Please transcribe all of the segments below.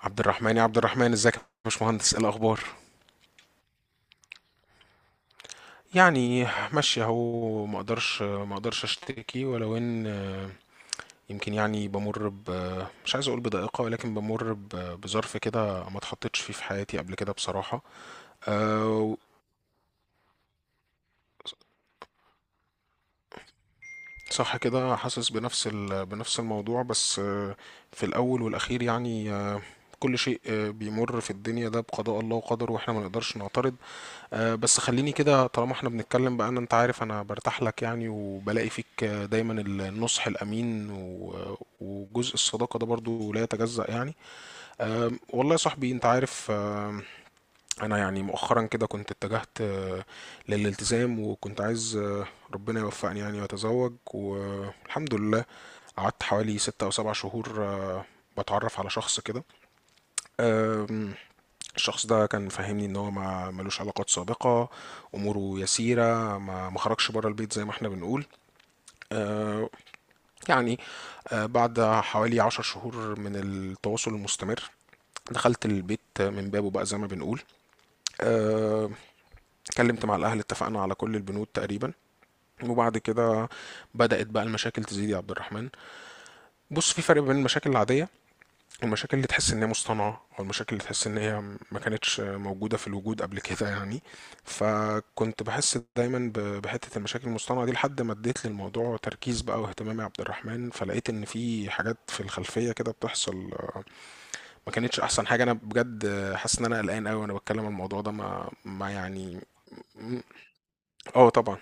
عبد الرحمن، يا عبد الرحمن، ازيك يا باشمهندس؟ ايه الاخبار؟ يعني ماشي اهو، ما اقدرش اشتكي، ولو ان يمكن يعني بمر ب مش عايز اقول بضائقه، ولكن بظرف كده ما اتحطتش فيه في حياتي قبل كده بصراحه. آه، صح كده، حاسس بنفس الموضوع، بس في الاول والاخير يعني كل شيء بيمر في الدنيا ده بقضاء الله وقدره، واحنا ما نقدرش نعترض. أه بس خليني كده طالما احنا بنتكلم بقى، ان انت عارف انا برتاح لك يعني، وبلاقي فيك دايما النصح الامين وجزء الصداقة ده برضو لا يتجزأ يعني. أه والله يا صاحبي انت عارف. أه، انا يعني مؤخرا كده كنت اتجهت أه للالتزام، وكنت عايز أه ربنا يوفقني يعني واتزوج والحمد لله. قعدت حوالي 6 او 7 شهور أه بتعرف على شخص كده. آم، الشخص ده كان فاهمني ان هو ما ملوش علاقات سابقة، اموره يسيرة، ما خرجش بره البيت زي ما احنا بنقول. آه، يعني بعد حوالي 10 شهور من التواصل المستمر، دخلت البيت من بابه بقى زي ما بنقول. آه، اتكلمت مع الاهل، اتفقنا على كل البنود تقريبا، وبعد كده بدأت بقى المشاكل تزيد يا عبد الرحمن. بص، في فرق بين المشاكل العادية، المشاكل اللي تحس ان هي مصطنعه، او المشاكل اللي تحس ان هي ما كانتش موجوده في الوجود قبل كده يعني. فكنت بحس دايما بحته المشاكل المصطنعه دي، لحد ما اديت للموضوع تركيز بقى واهتمام يا عبد الرحمن، فلقيت ان في حاجات في الخلفيه كده بتحصل. ما كانتش احسن حاجه، انا بجد حاسس ان انا قلقان قوي وانا بتكلم عن الموضوع ده. ما يعني. م- اه طبعا.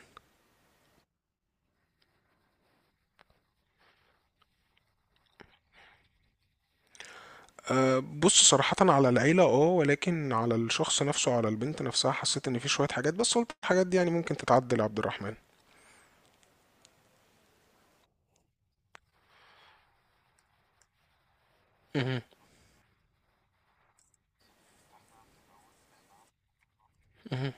أه بص، صراحة على العيلة اه، ولكن على الشخص نفسه على البنت نفسها، حسيت ان في شوية حاجات، بس قلت الحاجات دي يعني ممكن تتعدل يا عبد الرحمن. مهم. مهم.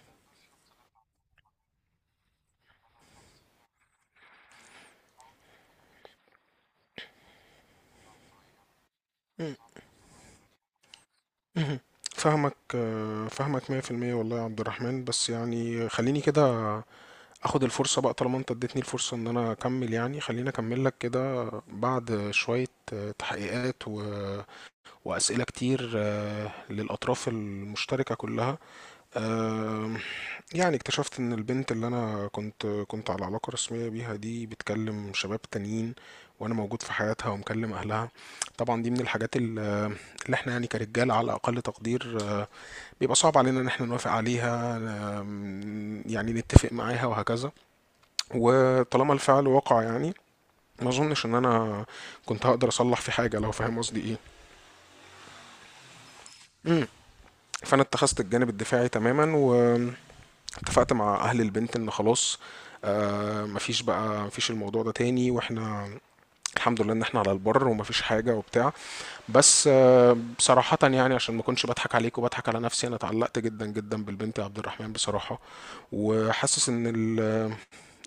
مم. مهم. فاهمك فاهمك 100% والله يا عبد الرحمن، بس يعني خليني كده اخد الفرصة بقى، طالما انت اديتني الفرصة ان انا اكمل يعني، خليني اكمل لك كده. بعد شوية تحقيقات واسئلة كتير للاطراف المشتركة كلها. آم، يعني اكتشفت ان البنت اللي انا كنت على علاقة رسمية بيها دي، بتكلم شباب تانيين، وانا موجود في حياتها ومكلم اهلها. طبعا دي من اللي احنا يعني كرجالة على اقل تقدير بيبقى صعب علينا ان احنا نوافق عليها. يعني نتفق معاها وهكذا، وطالما الفعل وقع يعني، ما اظنش ان انا كنت هقدر اصلح في حاجة، لو فاهم قصدي ايه. مم. فانا اتخذت الجانب الدفاعي تماما، و اتفقت مع اهل البنت ان خلاص. آه مفيش بقى، مفيش الموضوع ده تاني، واحنا الحمد لله ان احنا على البر، ومفيش حاجه وبتاع. بس آه بصراحه يعني عشان ما اكونش بضحك عليك وبضحك على نفسي، انا اتعلقت جدا جدا بالبنت يا عبد الرحمن بصراحه. وحاسس ان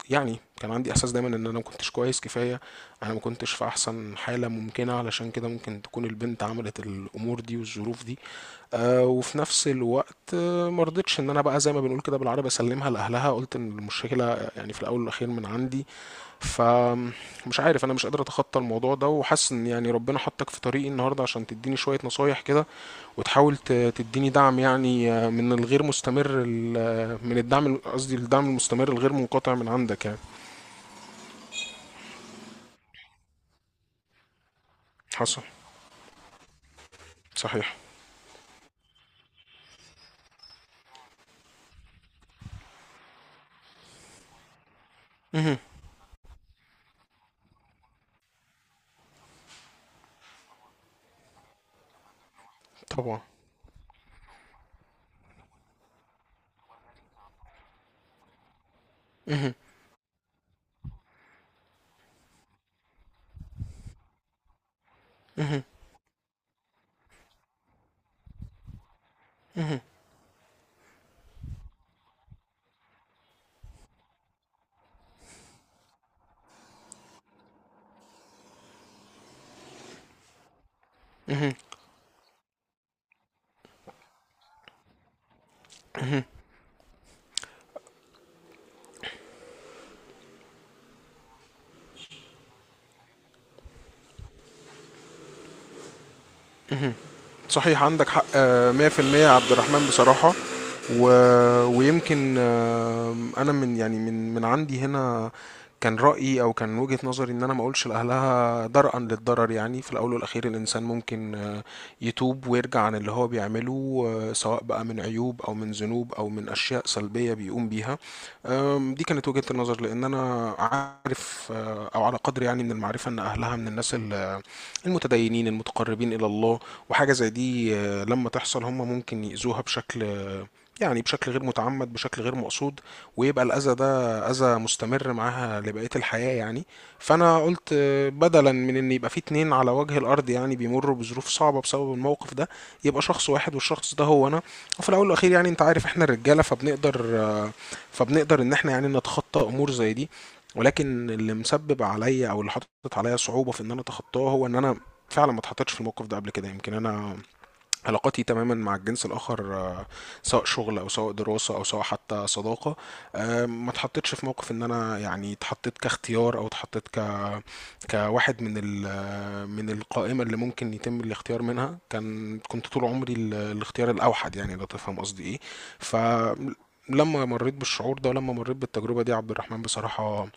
يعني كان عندي احساس دايما ان انا ما كنتش كويس كفايه، انا ما كنتش في احسن حاله ممكنه، علشان كده ممكن تكون البنت عملت الامور دي والظروف دي. آه وفي نفس الوقت آه ما رضيتش ان انا بقى زي ما بنقول كده بالعربي اسلمها لاهلها، قلت ان المشكله يعني في الاول والاخير من عندي. فمش عارف، انا مش قادر اتخطى الموضوع ده، وحاسس ان يعني ربنا حطك في طريقي النهارده، عشان تديني شويه نصايح كده، وتحاول تديني دعم يعني من الغير مستمر من الدعم، قصدي الدعم المستمر الغير منقطع من عندك يعني. حصل. صحيح. مهم. طبعا. مهم. مهم. مهم. مهم. صحيح عندك حق 100% يا عبد الرحمن بصراحة. و... ويمكن انا من يعني من عندي هنا، كان رأيي او كان وجهة نظري ان انا ما اقولش لاهلها درءا للضرر، يعني في الاول والاخير الانسان ممكن يتوب ويرجع عن اللي هو بيعمله سواء بقى من عيوب، او من ذنوب، او من اشياء سلبيه بيقوم بيها. دي كانت وجهه النظر، لان انا عارف او على قدر يعني من المعرفه، ان اهلها من المتدينين المتقربين الى الله. وحاجه زي دي لما تحصل، هم ممكن يأذوها بشكل يعني بشكل غير متعمد، بشكل غير مقصود، ويبقى الأذى ده أذى مستمر معاها لبقية الحياة يعني. فأنا قلت بدلا من إن يبقى في اتنين على وجه الأرض يعني بيمروا بظروف صعبة بسبب الموقف ده، يبقى شخص واحد، والشخص ده هو أنا. وفي الاول والاخير يعني انت عارف، احنا الرجاله فبنقدر، فبنقدر ان احنا يعني نتخطى امور زي دي. ولكن اللي مسبب عليا، او اللي حاطط عليا صعوبه في ان انا اتخطاه، هو ان انا فعلا ما اتحطيتش في الموقف ده قبل كده. يمكن انا علاقاتي تماما مع الجنس الآخر سواء شغل، أو سواء دراسة، أو سواء حتى صداقة، ما اتحطيتش في موقف إن أنا يعني اتحطيت كاختيار، أو اتحطيت ك كواحد من من القائمة اللي ممكن يتم الاختيار منها. كان كنت طول عمري الاختيار الأوحد يعني، لو تفهم قصدي إيه. فلما مريت بالشعور ده، ولما مريت بالتجربة دي عبد الرحمن بصراحة،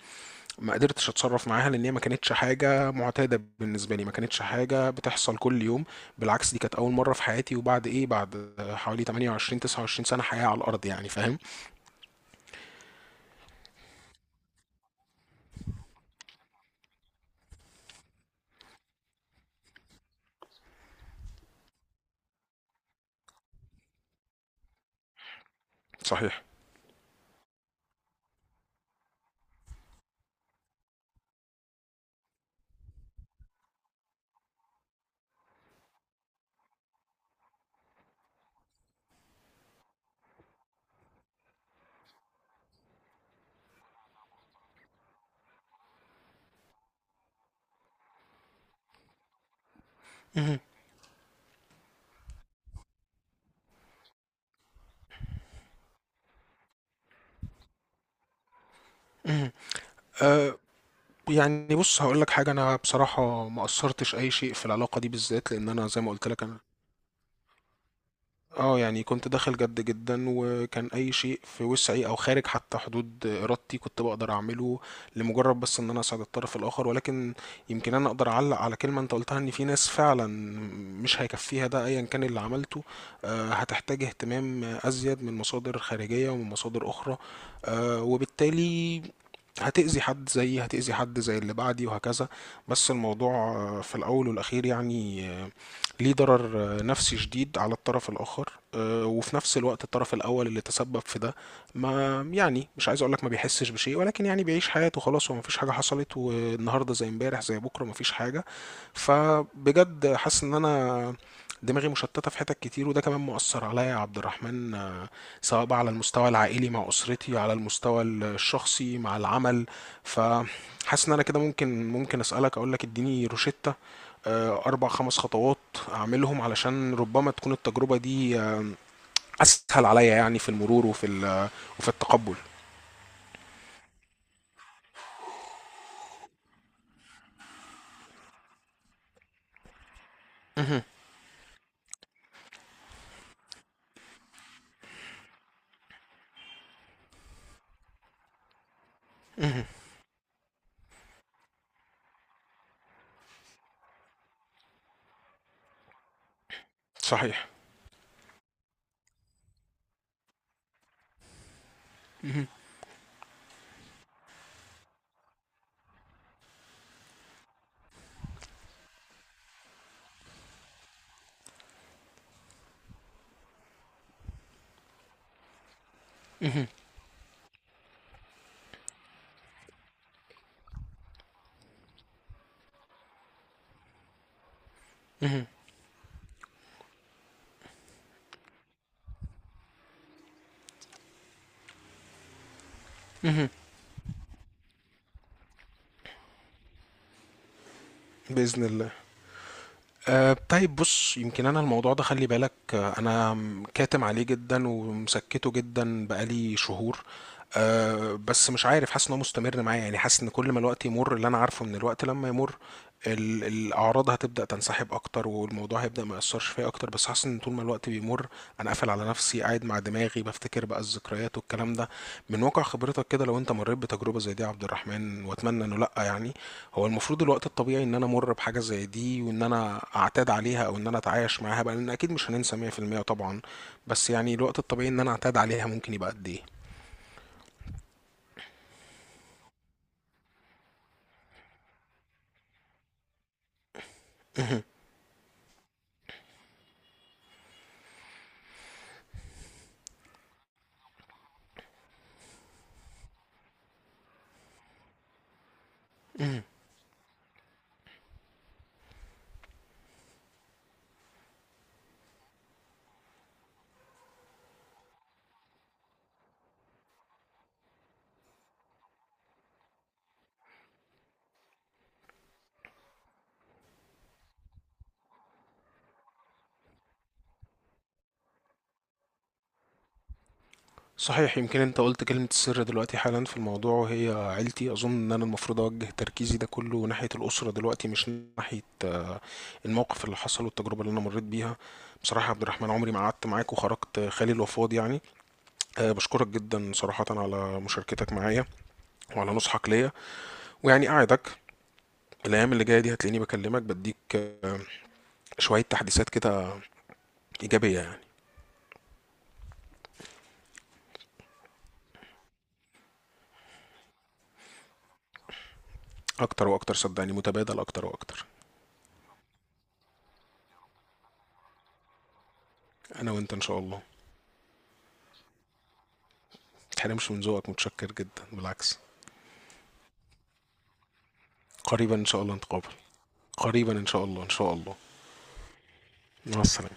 ما قدرتش اتصرف معاها، لان هي ما كانتش حاجه معتاده بالنسبه لي، ما كانتش حاجه بتحصل كل يوم. بالعكس، دي كانت اول مره في حياتي، وبعد ايه، بعد حوالي 28 29 سنه حياه على الارض يعني، فاهم. صحيح. مهم. مهم. أه يعني بص هقول لك حاجه، انا بصراحه ما اثرتش اي شيء في العلاقه دي بالذات، لان انا زي ما قلت لك، انا اه يعني كنت داخل جد جدا، وكان اي شيء في وسعي او خارج حتى حدود ارادتي كنت بقدر اعمله، لمجرد بس ان انا اساعد الطرف الاخر. ولكن يمكن انا اقدر اعلق على كلمة انت قلتها، ان في ناس فعلا مش هيكفيها ده ايا كان اللي عملته، هتحتاج اهتمام ازيد من مصادر خارجية ومن مصادر اخرى، وبالتالي هتأذي حد زيي، هتأذي حد زي اللي بعدي، وهكذا. بس الموضوع في الأول والأخير يعني، ليه ضرر نفسي شديد على الطرف الآخر. وفي نفس الوقت الطرف الأول اللي تسبب في ده، ما يعني، مش عايز أقولك ما بيحسش بشيء، ولكن يعني بيعيش حياته، خلاص هو مفيش حاجة حصلت، والنهاردة زي امبارح زي بكرة، مفيش حاجة. فبجد حاسس إن أنا دماغي مشتتة في حتت كتير، وده كمان مؤثر عليا يا عبد الرحمن، سواء بقى على المستوى العائلي مع أسرتي، على المستوى الشخصي مع العمل. فحاسس إن أنا كده ممكن، ممكن أسألك، أقولك اديني روشتة 4 5 خطوات أعملهم، علشان ربما تكون التجربة دي أسهل عليا يعني، في المرور وفي التقبل. مهم. مهم. صحيح. مهم. بإذن الله. أه طيب بص، يمكن انا الموضوع ده، خلي بالك أه انا كاتم عليه جدا، ومسكته جدا بقالي شهور. أه بس مش عارف، حاسس ان هو مستمر معايا يعني، حاسس ان كل ما الوقت يمر، اللي انا عارفه ان الوقت لما يمر الاعراض هتبدا تنسحب اكتر، والموضوع هيبدا ما ياثرش فيا اكتر. بس حاسس ان طول ما الوقت بيمر، انا قافل على نفسي، قاعد مع دماغي، بفتكر بقى الذكريات والكلام ده. من واقع خبرتك كده، لو انت مريت بتجربه زي دي يا عبد الرحمن، واتمنى انه لا يعني، هو المفروض الوقت الطبيعي ان انا امر بحاجه زي دي وان انا اعتاد عليها، او ان انا اتعايش معاها بقى، لان اكيد مش هننسى 100% طبعا. بس يعني الوقت الطبيعي ان انا اعتاد عليها ممكن يبقى قد ايه؟ مم. صحيح، يمكن انت قلت كلمة السر دلوقتي حالا في الموضوع، وهي عيلتي. اظن ان انا المفروض اوجه تركيزي ده كله ناحية الاسرة دلوقتي، مش ناحية الموقف اللي حصل والتجربة اللي انا مريت بيها. بصراحة يا عبد الرحمن، عمري ما قعدت معاك وخرجت خالي الوفاض يعني. أه بشكرك جدا صراحة على مشاركتك معايا، وعلى نصحك ليا. ويعني أعدك الايام اللي جايه دي هتلاقيني بكلمك، بديك شويه تحديثات كده ايجابيه يعني. اكتر واكتر صدقني، متبادل اكتر واكتر. انا وانت ان شاء الله. متحرمش من ذوقك، متشكر جدا بالعكس. قريبا ان شاء الله نتقابل. قريبا ان شاء الله، ان شاء الله. مع السلامه.